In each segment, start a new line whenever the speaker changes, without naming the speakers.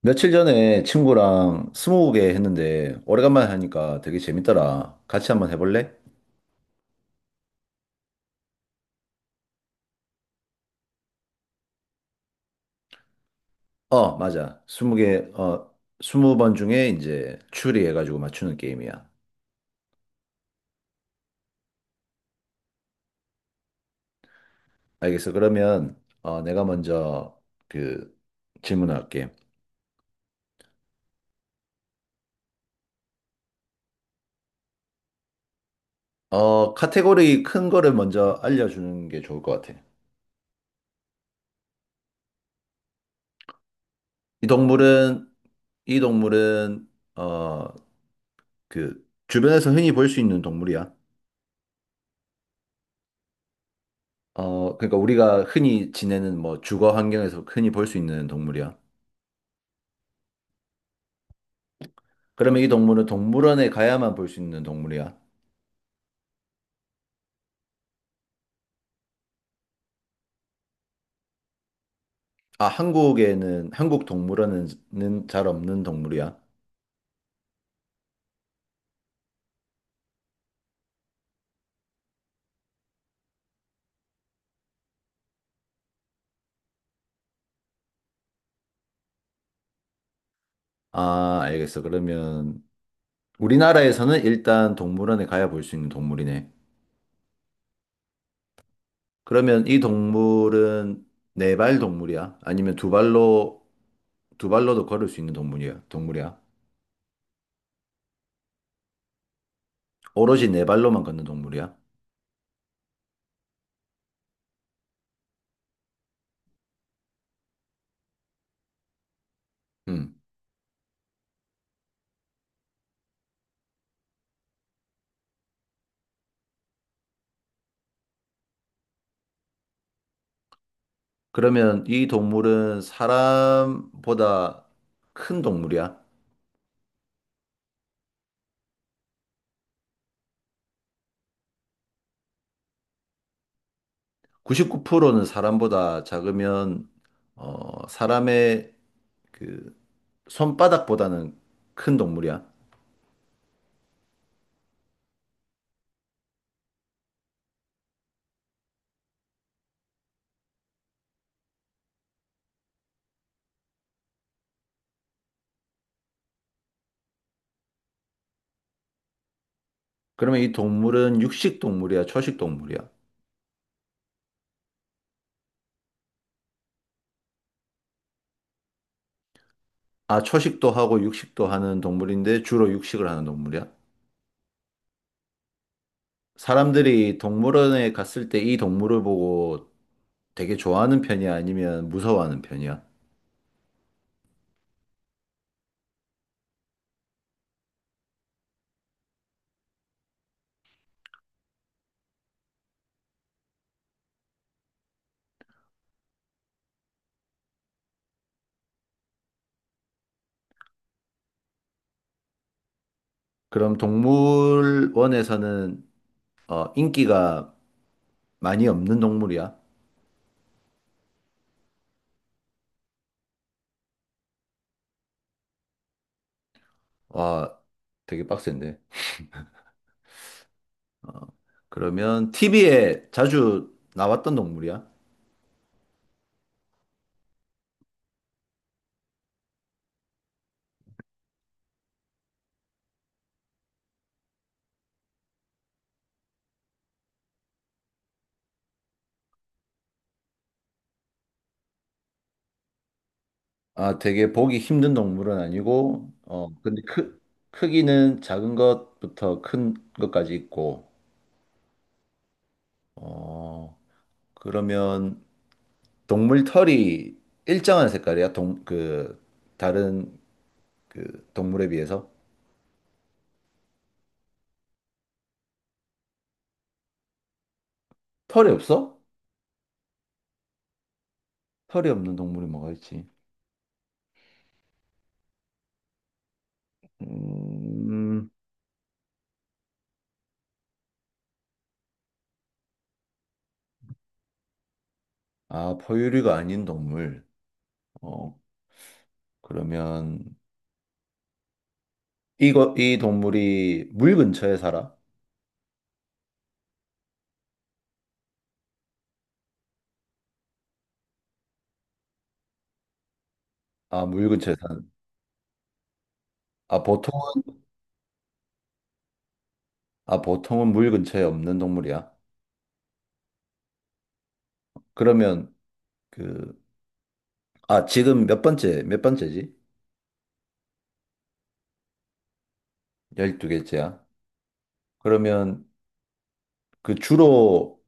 며칠 전에 친구랑 스무고개 했는데 오래간만에 하니까 되게 재밌더라. 같이 한번 해볼래? 어, 맞아. 20개, 20번 중에 이제 추리해가지고 맞추는 게임이야. 알겠어. 그러면 내가 먼저 그 질문할게. 카테고리 큰 거를 먼저 알려주는 게 좋을 것 같아. 이 동물은 이 동물은 어, 그 주변에서 흔히 볼 수 있는 동물이야. 그러니까 우리가 흔히 지내는 뭐 주거 환경에서 흔히 볼 수 있는 동물이야. 그러면 이 동물은 동물원에 가야만 볼 수 있는 동물이야. 아, 한국 동물원에는 잘 없는 동물이야. 아, 알겠어. 그러면 우리나라에서는 일단 동물원에 가야 볼 수 있는 동물이네. 그러면 이 동물은 네 발 동물이야? 아니면 두 발로도 걸을 수 있는 동물이야? 오로지 네 발로만 걷는 동물이야? 음. 그러면 이 동물은 사람보다 큰 동물이야? 99%는 사람보다 작으면 사람의 그 손바닥보다는 큰 동물이야. 그러면 이 동물은 육식 동물이야, 초식 동물이야? 아, 초식도 하고 육식도 하는 동물인데 주로 육식을 하는 동물이야? 사람들이 동물원에 갔을 때 이 동물을 보고 되게 좋아하는 편이야? 아니면 무서워하는 편이야? 그럼 동물원에서는 인기가 많이 없는 동물이야. 와, 되게 빡센데. 어, 그러면 TV에 자주 나왔던 동물이야. 아, 되게 보기 힘든 동물은 아니고, 근데 크기는 작은 것부터 큰 것까지 있고, 어, 그러면 동물 털이 일정한 색깔이야? 그, 다른 그 동물에 비해서? 털이 없어? 털이 없는 동물이 뭐가 있지? 음. 아, 포유류가 아닌 동물. 어, 그러면 이거 이 동물이 물 근처에 살아? 아, 물 근처에 사는. 아, 보통은 아, 보통은 물 근처에 없는 동물이야. 그러면 그 아, 지금 몇 번째? 몇 번째지? 열두 개째야. 그러면 그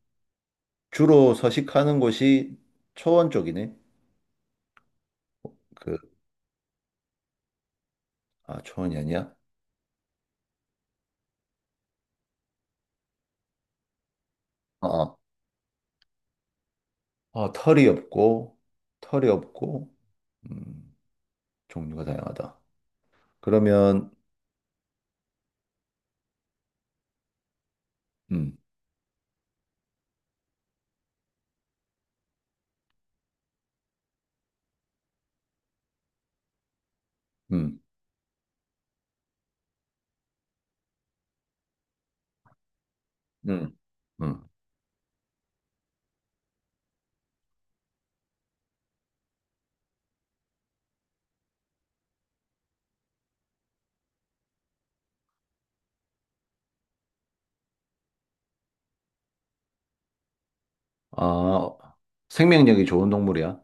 주로 서식하는 곳이 초원 쪽이네. 그 아, 초원이 아니야? 아, 아. 아, 털이 없고 음, 종류가 다양하다. 그러면 음. 음, 음, 음. 아, 생명력이 좋은 동물이야?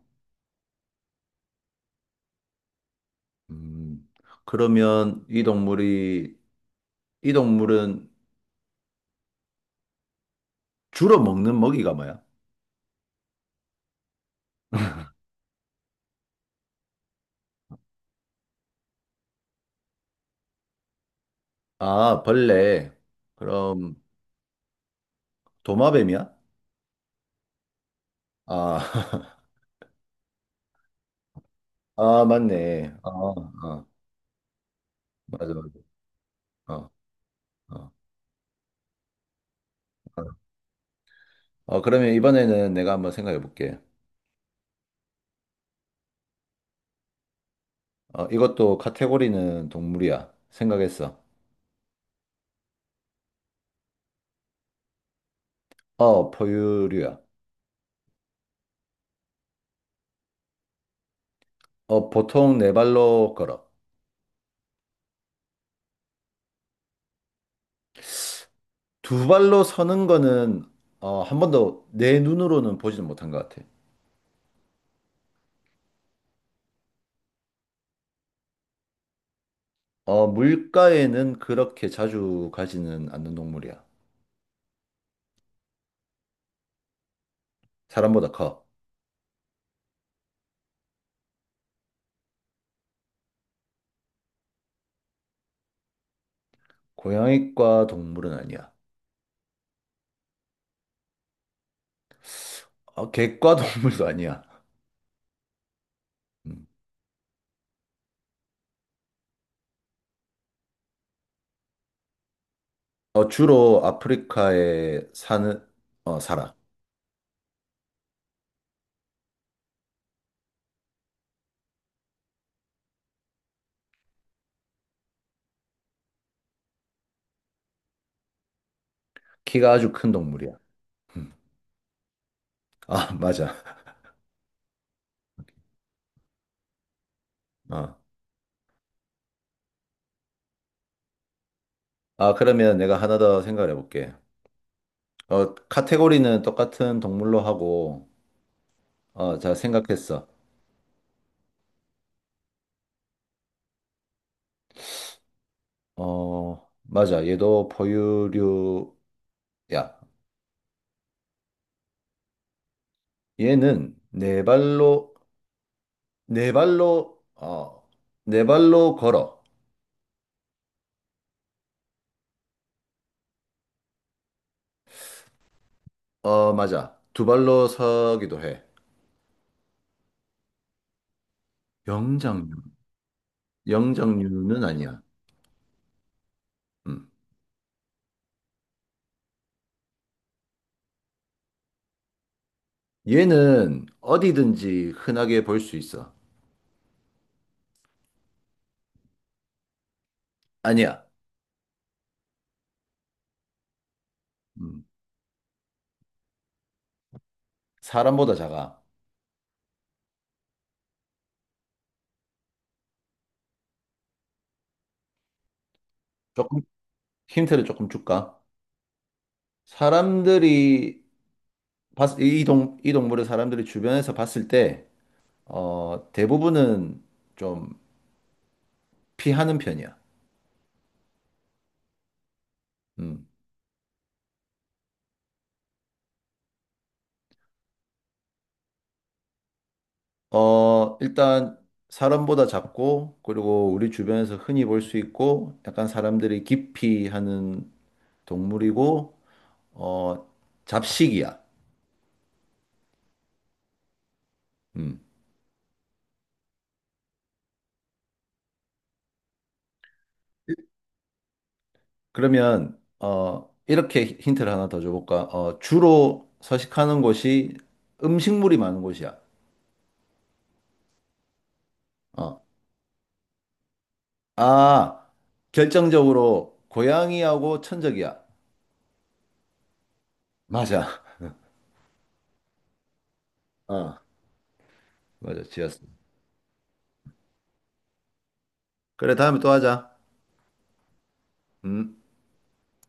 음, 그러면 이 동물은 주로 먹는 먹이가 뭐야? 아, 벌레. 그럼 도마뱀이야? 아, 아, 맞네. 아, 아, 맞아, 맞아. 어, 어. 어, 어, 그러면 이번에는 내가 한번 생각해 볼게. 이것도 카테고리는 동물이야. 생각했어. 어, 포유류야. 어, 보통 네 발로 걸어. 두 발로 서는 거는 한 번도 내 눈으로는 보지는 못한 것 같아. 어, 물가에는 그렇게 자주 가지는 않는 동물이야. 사람보다 커. 고양이과 동물은 아니야. 어, 개과 동물도 아니야. 음. 어, 주로 아프리카에 살아. 키가 아주 큰 동물이야. 아, 맞아. 어. 아, 그러면 내가 하나 더 생각해 볼게. 어, 카테고리는 똑같은 동물로 하고, 자, 생각했어. 어, 맞아. 얘도 포유류야. 얘는 네 발로, 어, 네 발로 걸어. 어, 맞아. 두 발로 서기도 해. 영장류. 영장류는 아니야. 음. 얘는 어디든지 흔하게 볼 수 있어. 아니야. 음. 사람보다 작아. 조금, 힌트를 조금 줄까? 사람들이, 봤, 이 동, 이 동물을 사람들이 주변에서 봤을 때, 대부분은 좀 피하는 편이야. 음. 일단 사람보다 작고 그리고 우리 주변에서 흔히 볼 수 있고 약간 사람들이 기피하는 동물이고 어, 잡식이야. 음. 그러면 이렇게 힌트를 하나 더 줘볼까? 주로 서식하는 곳이 음식물이 많은 곳이야. 어. 아, 결정적으로 고양이하고 천적이야. 맞아. 어, 맞아. 지었어. 그래, 다음에 또 하자. 음.